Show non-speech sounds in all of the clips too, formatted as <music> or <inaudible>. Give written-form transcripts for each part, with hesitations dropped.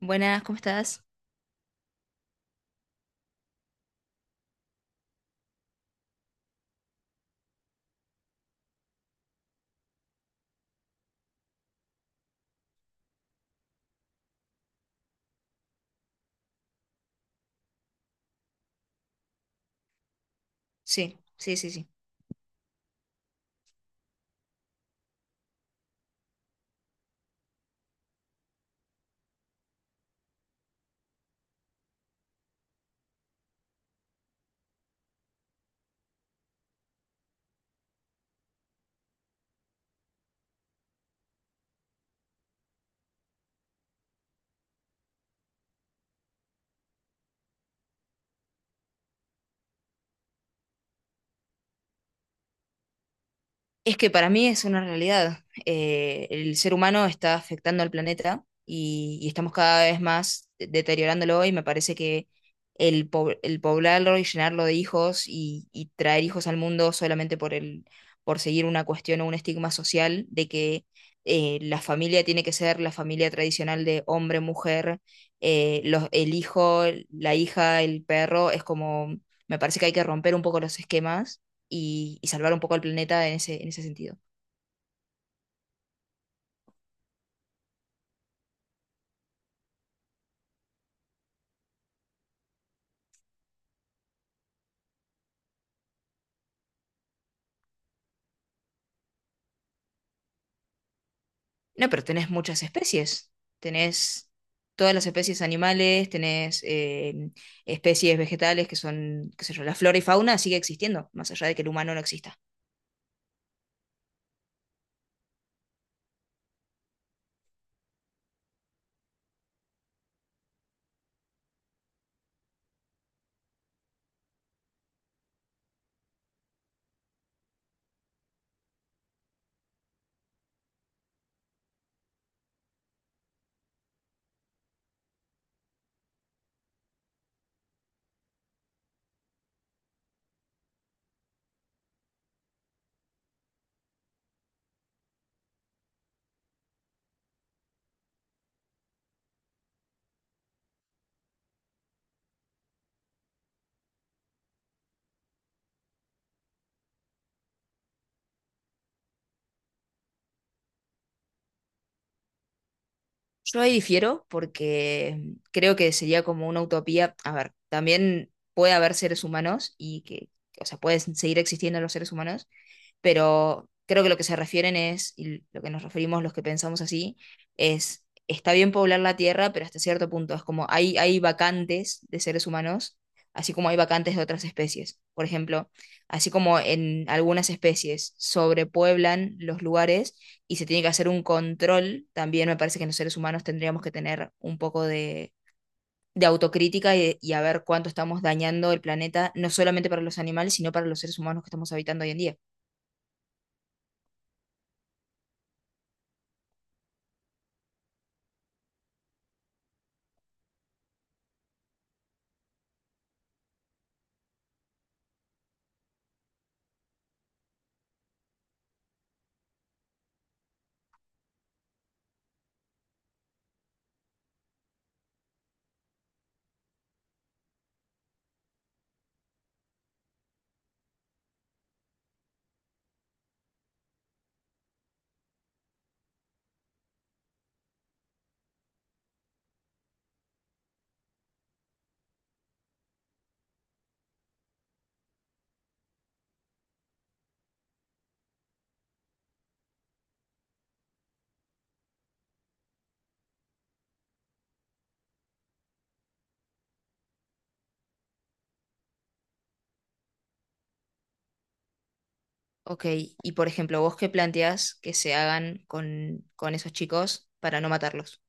Buenas, ¿cómo estás? Sí, sí, sí, sí. Es que para mí es una realidad. El ser humano está afectando al planeta y estamos cada vez más deteriorándolo y me parece que el poblarlo y llenarlo de hijos y traer hijos al mundo solamente por el, por seguir una cuestión o un estigma social de que la familia tiene que ser la familia tradicional de hombre, mujer, los, el hijo, la hija, el perro, es como, me parece que hay que romper un poco los esquemas y salvar un poco al planeta en ese sentido. No, pero tenés muchas especies. Tenés todas las especies animales, tenés especies vegetales que son, qué sé yo, la flora y fauna sigue existiendo, más allá de que el humano no exista. Yo ahí difiero porque creo que sería como una utopía. A ver, también puede haber seres humanos y que, o sea, pueden seguir existiendo los seres humanos, pero creo que lo que se refieren es, y lo que nos referimos los que pensamos así, es, está bien poblar la Tierra, pero hasta cierto punto es como hay vacantes de seres humanos, así como hay vacantes de otras especies. Por ejemplo, así como en algunas especies sobrepueblan los lugares y se tiene que hacer un control, también me parece que los seres humanos tendríamos que tener un poco de autocrítica y a ver cuánto estamos dañando el planeta, no solamente para los animales, sino para los seres humanos que estamos habitando hoy en día. Ok, y por ejemplo, ¿vos qué planteás que se hagan con esos chicos para no matarlos?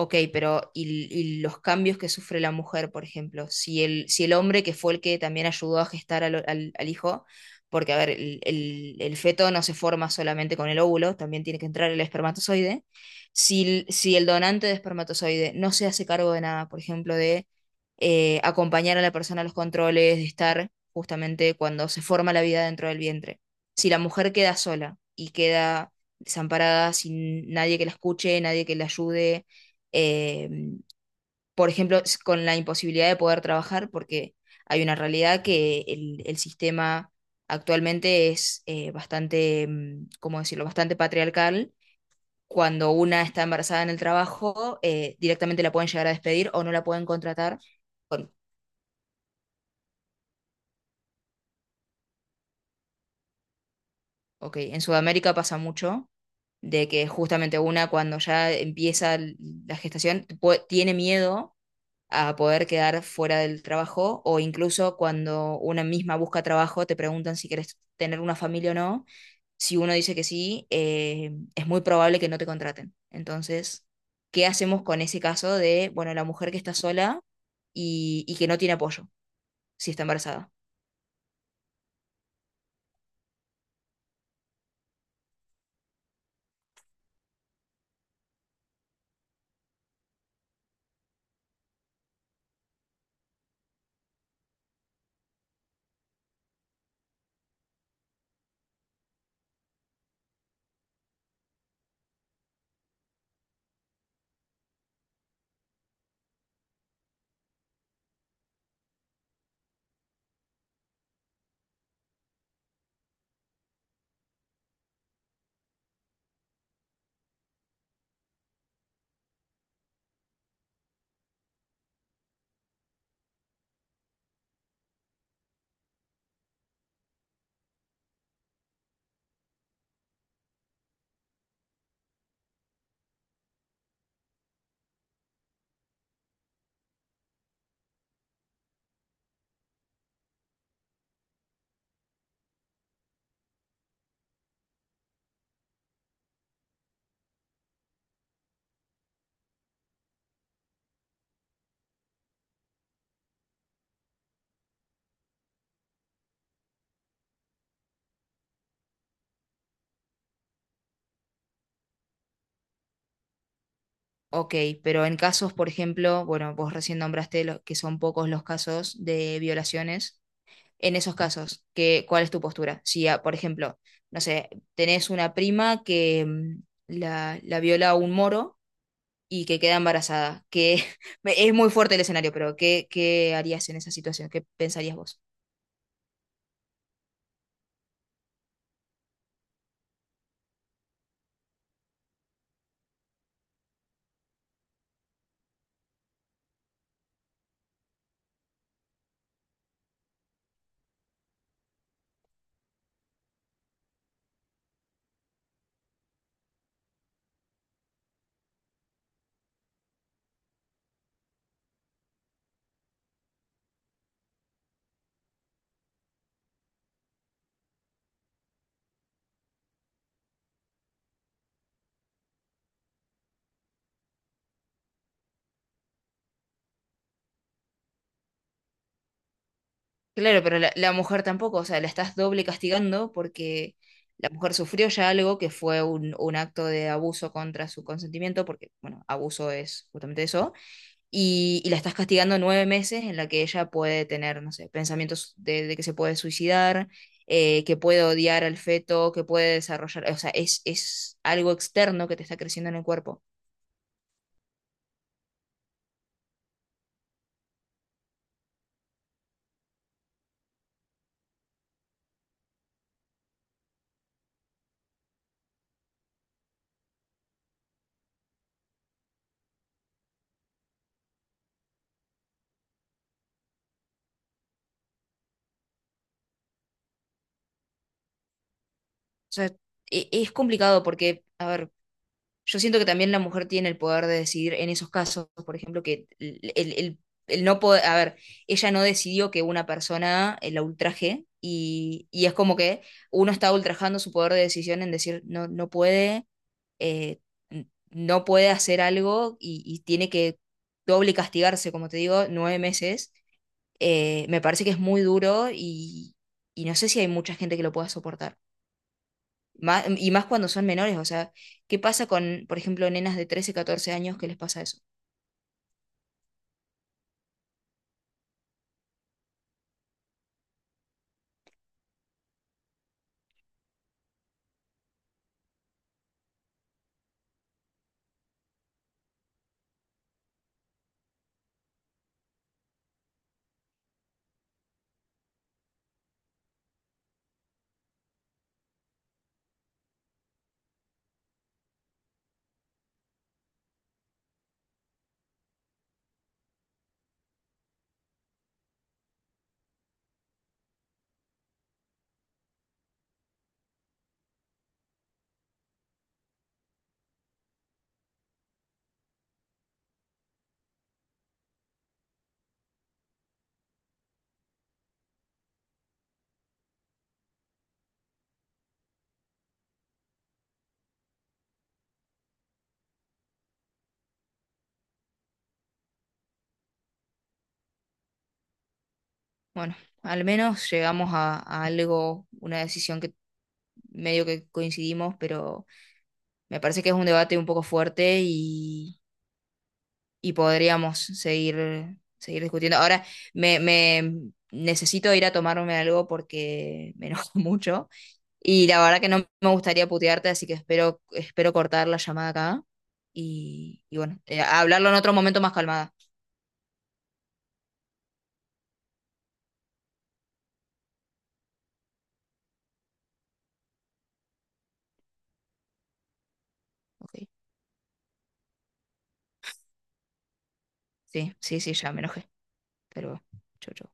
Ok, pero y los cambios que sufre la mujer, por ejemplo, si el, si el hombre que fue el que también ayudó a gestar al, al- al hijo, porque a ver, el feto no se forma solamente con el óvulo, también tiene que entrar el espermatozoide, si, el- si el donante de espermatozoide no se hace cargo de nada, por ejemplo, de acompañar a la persona a los controles, de estar justamente cuando se forma la vida dentro del vientre, si la mujer queda sola y queda desamparada, sin nadie que la escuche, nadie que la ayude, eh, por ejemplo, s- con la imposibilidad de poder trabajar, porque hay una realidad que el sistema actualmente es bastante, ¿cómo decirlo?, bastante patriarcal. Cuando una está embarazada en el trabajo, directamente la pueden llegar a despedir o no la pueden contratar. Bueno, ok, en Sudamérica pasa mucho de que justamente una cuando ya empieza l- la gestación pue- tiene miedo a poder quedar fuera del trabajo o incluso cuando una misma busca trabajo, te preguntan si quieres tener una familia o no. Si uno dice que sí, es muy probable que no te contraten. Entonces, ¿qué hacemos con ese caso de, bueno, la mujer que está sola y que no tiene apoyo si está embarazada? Ok, pero en casos, por ejemplo, bueno, vos recién nombraste lo- que son pocos los casos de violaciones en esos casos. ¿Qué, cuál es tu postura? Si, ah, por ejemplo, no sé, tenés una prima que la, la viola un moro y que queda embarazada, que <laughs> me- es muy fuerte el escenario, pero ¿qué, qué harías en esa situación? ¿Qué pensarías vos? Claro, pero la mujer tampoco, o sea, la estás doble castigando porque la mujer sufrió ya algo que fue un acto de abuso contra su consentimiento, porque, bueno, abuso es justamente eso y la estás castigando 9 meses en la que ella puede tener, no sé, pensamientos de que se puede suicidar, que puede odiar al feto, que puede desarrollar, o sea, es algo externo que te está creciendo en el cuerpo. O sea, e- es complicado porque, a ver, yo siento que también la mujer tiene el poder de decidir en esos casos, por ejemplo, que el no poder, a ver, ella no decidió que una persona la ultraje y es como que uno está ultrajando su poder de decisión en decir, no, no puede, eh, n- no puede hacer algo y tiene que doble castigarse, como te digo, 9 meses. Me parece que es muy duro y no sé si hay mucha gente que lo pueda soportar. Má- y más cuando son menores, o sea, ¿qué pasa con, por ejemplo, nenas de 13 14 años que les pasa eso? Bueno, al menos llegamos a algo, una decisión que medio que coincidimos, pero me parece que es un debate un poco fuerte y podríamos seguir, seguir discutiendo. Ahora, me necesito ir a tomarme algo porque me enojo <laughs> mucho y la verdad que no me gustaría putearte, así que espero, espero cortar la llamada acá y bueno, hablarlo en otro momento más calmada. Ok. Sí, sí, sí, ya me enojé, pero chau, chau.